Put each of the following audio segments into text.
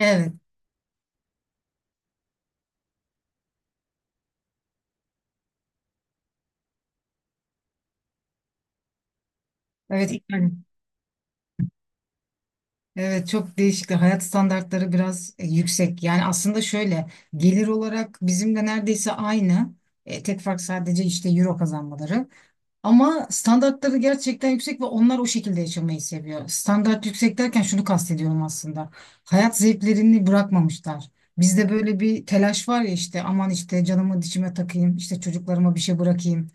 Evet, evet, yani evet, çok değişik. Hayat standartları biraz yüksek. Yani aslında şöyle, gelir olarak bizimle neredeyse aynı. Tek fark sadece işte euro kazanmaları. Ama standartları gerçekten yüksek ve onlar o şekilde yaşamayı seviyor. Standart yüksek derken şunu kastediyorum aslında. Hayat zevklerini bırakmamışlar. Bizde böyle bir telaş var ya, işte aman işte canımı dişime takayım, işte çocuklarıma bir şey bırakayım.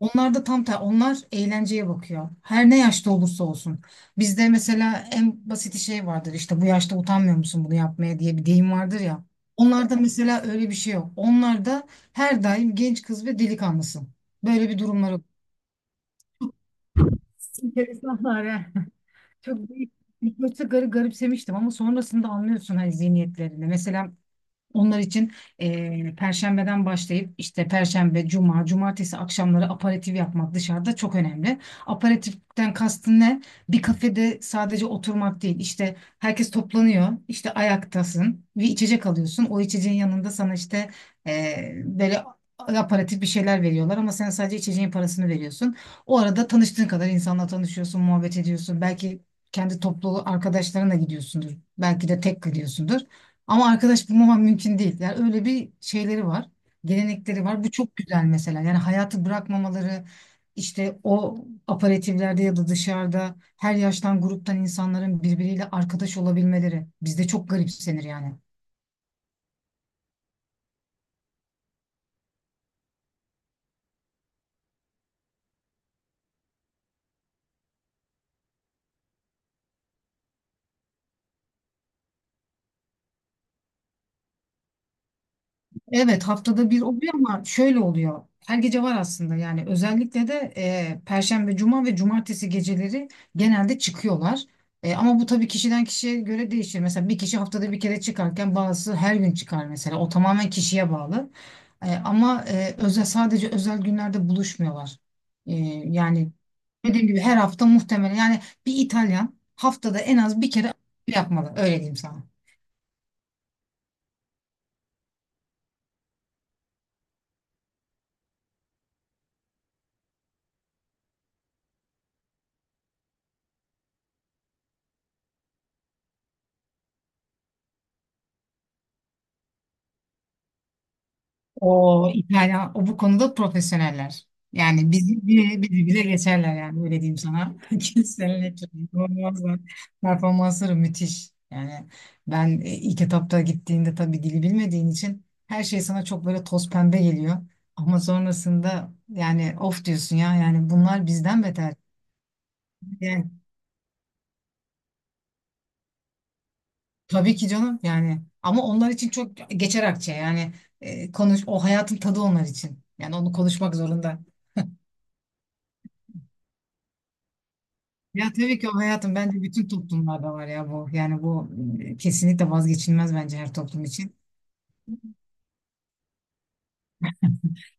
Onlar da onlar eğlenceye bakıyor. Her ne yaşta olursa olsun. Bizde mesela en basit şey vardır, işte bu yaşta utanmıyor musun bunu yapmaya diye bir deyim vardır ya. Onlarda mesela öyle bir şey yok. Onlarda her daim genç kız ve delikanlısın. Böyle bir durumları. Enteresanlar ha. Çok büyük. İlk başta garipsemiştim ama sonrasında anlıyorsun hani zihniyetlerini. Mesela onlar için Perşembeden başlayıp işte Perşembe, Cuma, Cumartesi akşamları aperatif yapmak dışarıda çok önemli. Aperatiften kastın ne? Bir kafede sadece oturmak değil. İşte herkes toplanıyor, işte ayaktasın, bir içecek alıyorsun. O içeceğin yanında sana işte böyle aperatif bir şeyler veriyorlar ama sen sadece içeceğin parasını veriyorsun. O arada tanıştığın kadar insanla tanışıyorsun, muhabbet ediyorsun. Belki kendi topluluğu arkadaşlarına gidiyorsundur. Belki de tek gidiyorsundur. Ama arkadaş bulmamam mümkün değil. Yani öyle bir şeyleri var. Gelenekleri var. Bu çok güzel mesela. Yani hayatı bırakmamaları, işte o aperatiflerde ya da dışarıda her yaştan gruptan insanların birbiriyle arkadaş olabilmeleri bizde çok garipsenir yani. Evet, haftada bir oluyor ama şöyle oluyor. Her gece var aslında, yani özellikle de Perşembe, Cuma ve Cumartesi geceleri genelde çıkıyorlar. Ama bu tabii kişiden kişiye göre değişir. Mesela bir kişi haftada bir kere çıkarken bazısı her gün çıkar mesela. O tamamen kişiye bağlı. Ama özel, sadece özel günlerde buluşmuyorlar. E, Yani dediğim gibi her hafta muhtemelen, yani bir İtalyan haftada en az bir kere yapmalı. Öyle diyeyim sana. O İtalyan, o bu konuda profesyoneller. Yani bizi bize geçerler yani, öyle diyeyim sana. Kesinlikle performansları müthiş. Yani ben ilk etapta gittiğinde tabii dili bilmediğin için her şey sana çok böyle toz pembe geliyor. Ama sonrasında yani of diyorsun ya, yani bunlar bizden beter. Yani tabii ki canım, yani ama onlar için çok geçer akçe yani, konuş, o hayatın tadı onlar için. Yani onu konuşmak zorunda. Ya tabii ki, o hayatım bence bütün toplumlarda var ya bu. Yani bu kesinlikle vazgeçilmez bence her toplum için.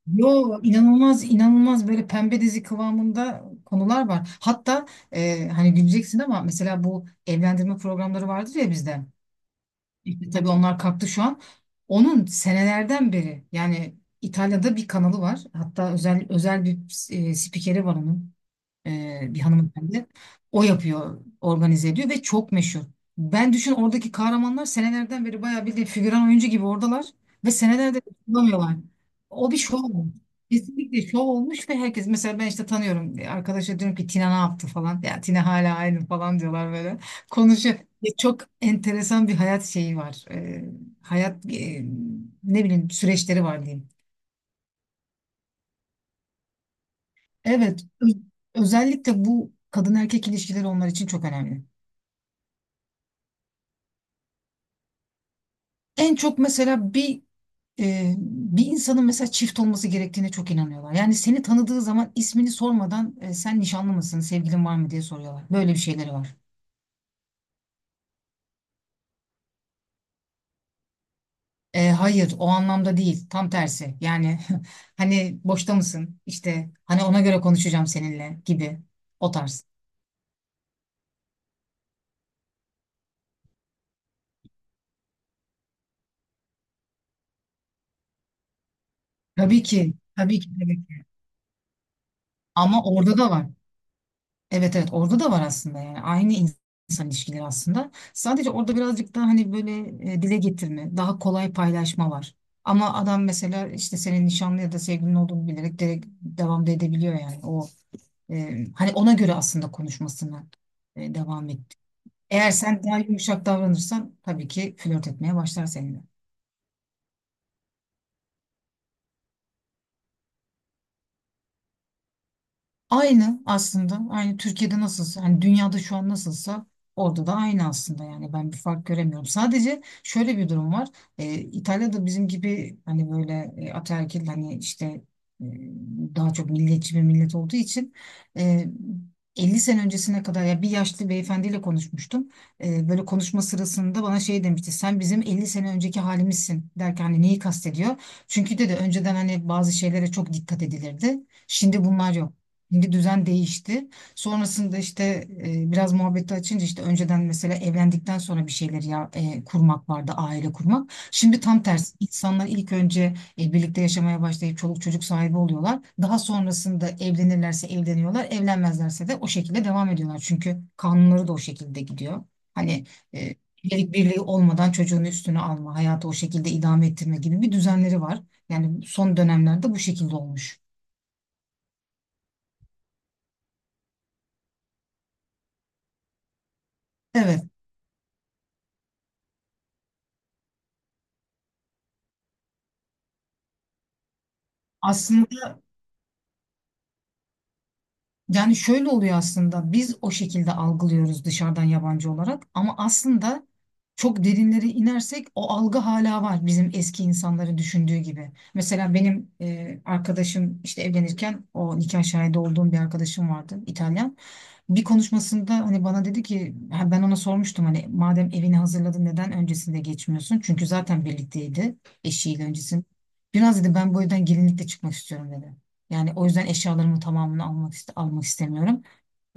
Yo, inanılmaz inanılmaz, böyle pembe dizi kıvamında konular var. Hatta hani güleceksin ama mesela bu evlendirme programları vardır ya bizde. İşte tabii onlar kalktı şu an. Onun senelerden beri, yani İtalya'da bir kanalı var. Hatta özel özel bir spikeri var onun. Bir hanımefendi. O yapıyor, organize ediyor ve çok meşhur. Ben düşün, oradaki kahramanlar senelerden beri bayağı bildiğin figüran oyuncu gibi oradalar ve senelerdir bulamıyorlar. O bir şov olmuş. Kesinlikle şov olmuş ve herkes, mesela ben işte tanıyorum arkadaşa diyorum ki Tina ne yaptı falan, ya Tina hala aynı falan diyorlar, böyle konuşuyor. Ya, çok enteresan bir hayat şeyi var. Hayat ne bileyim süreçleri var, diyeyim. Evet, özellikle bu kadın erkek ilişkileri onlar için çok önemli. En çok mesela bir insanın mesela çift olması gerektiğine çok inanıyorlar. Yani seni tanıdığı zaman ismini sormadan, sen nişanlı mısın, sevgilin var mı diye soruyorlar. Böyle bir şeyleri var. Hayır, o anlamda değil. Tam tersi. Yani hani boşta mısın, İşte hani ona göre konuşacağım seninle gibi, o tarz. Tabii ki, tabii ki, tabii ki. Ama orada da var. Evet, evet, orada da var aslında, yani aynı insan ilişkileri aslında. Sadece orada birazcık daha, hani böyle dile getirme, daha kolay paylaşma var. Ama adam mesela işte senin nişanlı ya da sevgilin olduğunu bilerek direkt devam da edebiliyor yani. O hani ona göre aslında konuşmasına devam et. Eğer sen daha yumuşak davranırsan tabii ki flört etmeye başlar seninle. Aynı aslında. Aynı Türkiye'de nasılsa, hani dünyada şu an nasılsa, orada da aynı aslında, yani ben bir fark göremiyorum. Sadece şöyle bir durum var. İtalya'da bizim gibi hani böyle ataerkil, hani işte e, daha çok milliyetçi bir millet olduğu için e, 50 sene öncesine kadar, ya bir yaşlı beyefendiyle konuşmuştum. Böyle konuşma sırasında bana şey demişti. Sen bizim 50 sene önceki halimizsin derken hani neyi kastediyor? Çünkü dedi önceden hani bazı şeylere çok dikkat edilirdi. Şimdi bunlar yok. Şimdi düzen değişti. Sonrasında işte biraz muhabbeti açınca, işte önceden mesela evlendikten sonra bir şeyler ya kurmak vardı, aile kurmak. Şimdi tam tersi. İnsanlar ilk önce birlikte yaşamaya başlayıp çoluk çocuk sahibi oluyorlar. Daha sonrasında evlenirlerse evleniyorlar, evlenmezlerse de o şekilde devam ediyorlar. Çünkü kanunları da o şekilde gidiyor. Hani e, evlilik birliği olmadan çocuğunu üstüne alma, hayatı o şekilde idame ettirme gibi bir düzenleri var. Yani son dönemlerde bu şekilde olmuş. Evet. Aslında, yani şöyle oluyor aslında, biz o şekilde algılıyoruz dışarıdan yabancı olarak, ama aslında çok derinlere inersek o algı hala var, bizim eski insanların düşündüğü gibi. Mesela benim arkadaşım işte evlenirken, o nikah şahidi olduğum bir arkadaşım vardı, İtalyan. Bir konuşmasında hani bana dedi ki ha, ben ona sormuştum hani madem evini hazırladın neden öncesinde geçmiyorsun? Çünkü zaten birlikteydi eşiyle öncesinde. Biraz, dedi, ben bu evden gelinlikle çıkmak istiyorum, dedi. Yani o yüzden eşyalarımın tamamını almak istemiyorum.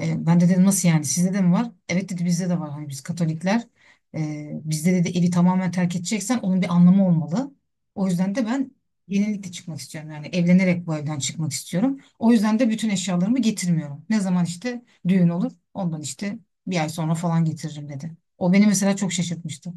Ben de dedim, nasıl yani, sizde de mi var? Evet, dedi, bizde de var. Hani biz Katolikler, bizde, dedi, evi tamamen terk edeceksen onun bir anlamı olmalı. O yüzden de ben yenilikle çıkmak istiyorum. Yani evlenerek bu evden çıkmak istiyorum. O yüzden de bütün eşyalarımı getirmiyorum. Ne zaman işte düğün olur, ondan işte bir ay sonra falan getiririm, dedi. O beni mesela çok şaşırtmıştı.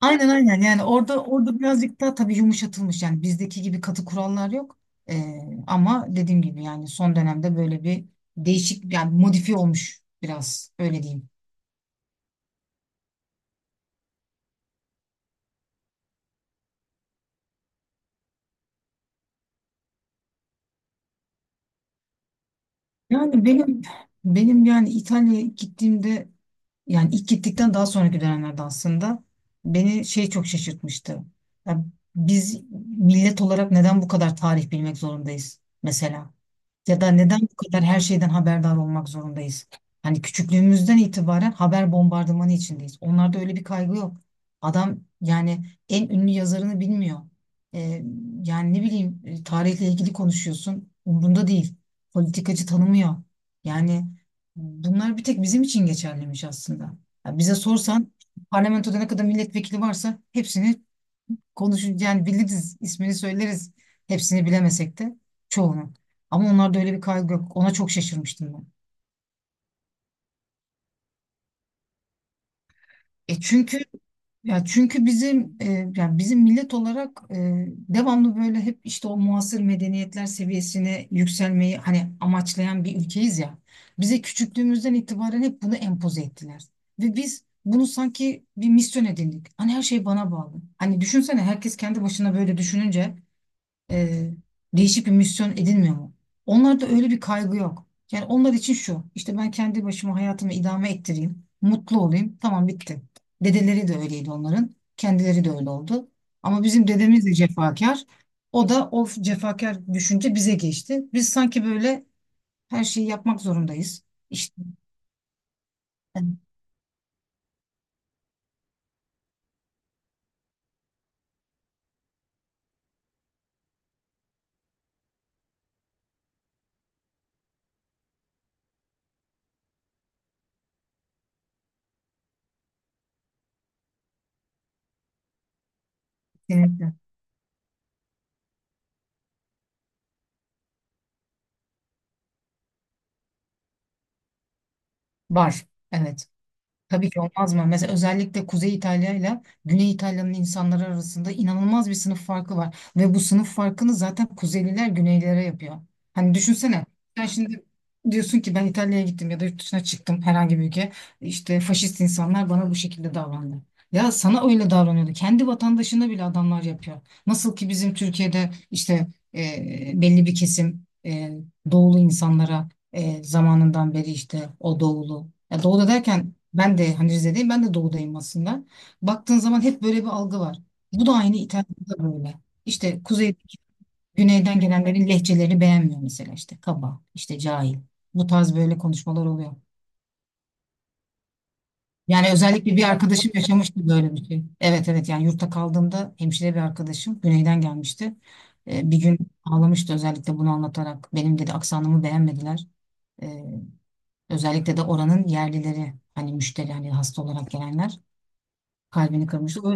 Aynen, aynen, yani orada birazcık daha tabii yumuşatılmış, yani bizdeki gibi katı kurallar yok. Ee, Ama dediğim gibi, yani son dönemde böyle bir değişik, yani modifiye olmuş biraz, öyle diyeyim. Yani benim, yani İtalya'ya gittiğimde, yani ilk gittikten daha sonraki dönemlerde aslında beni şey çok şaşırtmıştı. Ya biz millet olarak neden bu kadar tarih bilmek zorundayız mesela? Ya da neden bu kadar her şeyden haberdar olmak zorundayız? Hani küçüklüğümüzden itibaren haber bombardımanı içindeyiz. Onlarda öyle bir kaygı yok. Adam yani en ünlü yazarını bilmiyor. Ee, Yani ne bileyim, tarihle ilgili konuşuyorsun, umrunda değil. Politikacı tanımıyor. Yani bunlar bir tek bizim için geçerliymiş aslında. Ya bize sorsan parlamentoda ne kadar milletvekili varsa hepsini konuşur, yani biliriz, ismini söyleriz. Hepsini bilemesek de çoğunu. Ama onlarda öyle bir kaygı yok. Ona çok şaşırmıştım ben. E çünkü Ya çünkü bizim, yani bizim millet olarak devamlı böyle hep işte o muasır medeniyetler seviyesine yükselmeyi hani amaçlayan bir ülkeyiz ya. Bize küçüklüğümüzden itibaren hep bunu empoze ettiler. Ve biz bunu sanki bir misyon edindik. Hani her şey bana bağlı. Hani düşünsene herkes kendi başına böyle düşününce e, değişik bir misyon edinmiyor mu? Onlarda öyle bir kaygı yok. Yani onlar için şu, işte ben kendi başıma hayatımı idame ettireyim, mutlu olayım, tamam, bitti. Dedeleri de öyleydi onların, kendileri de öyle oldu. Ama bizim dedemiz de cefakar. O da o cefakar düşünce bize geçti. Biz sanki böyle her şeyi yapmak zorundayız. İşte evet, kesinlikle. Var. Evet. Tabii ki, olmaz mı? Mesela özellikle Kuzey İtalya ile Güney İtalya'nın insanları arasında inanılmaz bir sınıf farkı var. Ve bu sınıf farkını zaten Kuzeyliler Güneylilere yapıyor. Hani düşünsene sen şimdi diyorsun ki ben İtalya'ya gittim ya da yurt dışına çıktım herhangi bir ülke. İşte faşist insanlar bana bu şekilde davrandı. Ya sana öyle davranıyordu. Kendi vatandaşına bile adamlar yapıyor. Nasıl ki bizim Türkiye'de işte belli bir kesim doğulu insanlara zamanından beri işte o doğulu. Ya doğuda derken ben de hani Rize'deyim, ben de doğudayım aslında. Baktığın zaman hep böyle bir algı var. Bu da aynı İtalya'da böyle. İşte kuzey, güneyden gelenlerin lehçelerini beğenmiyor mesela, işte kaba, işte cahil. Bu tarz böyle konuşmalar oluyor. Yani özellikle bir arkadaşım yaşamıştı böyle bir şey. Evet, evet, yani yurtta kaldığımda hemşire bir arkadaşım güneyden gelmişti. Bir gün ağlamıştı özellikle bunu anlatarak. Benim, dedi, aksanımı beğenmediler. E, Özellikle de oranın yerlileri, hani müşteri, hani hasta olarak gelenler kalbini kırmış.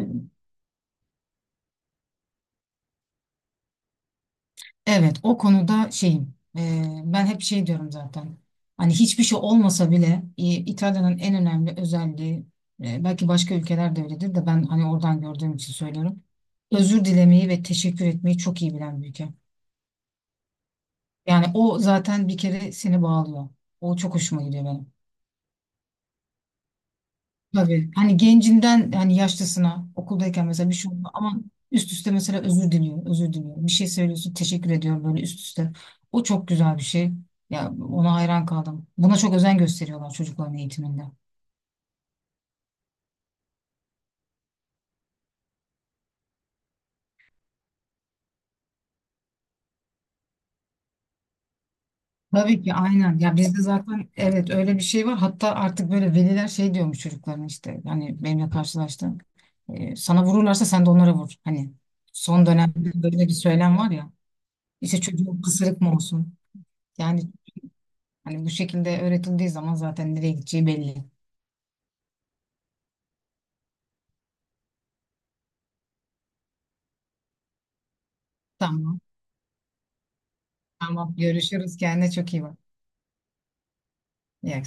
Evet, o konuda şeyim, ben hep şey diyorum zaten, hani hiçbir şey olmasa bile İtalya'nın en önemli özelliği, belki başka ülkelerde öyledir de ben hani oradan gördüğüm için söylüyorum. Özür dilemeyi ve teşekkür etmeyi çok iyi bilen bir ülke. Yani o zaten bir kere seni bağlıyor. O çok hoşuma gidiyor benim. Tabii. Hani gencinden hani yaşlısına, okuldayken mesela bir şey oldu ama üst üste mesela özür diliyor, özür diliyor. Bir şey söylüyorsun, teşekkür ediyorum, böyle üst üste. O çok güzel bir şey. Ya, ona hayran kaldım. Buna çok özen gösteriyorlar çocukların eğitiminde. Tabii ki, aynen. Ya bizde zaten evet öyle bir şey var. Hatta artık böyle veliler şey diyormuş çocukların işte, hani benimle karşılaştığım. Sana vururlarsa sen de onlara vur. Hani son dönemde böyle bir söylem var ya. İşte çocuğun kısırık mı olsun? Yani hani bu şekilde öğretildiği zaman zaten nereye gideceği belli. Tamam. Tamam. Görüşürüz. Kendine çok iyi bak. İyi akşamlar.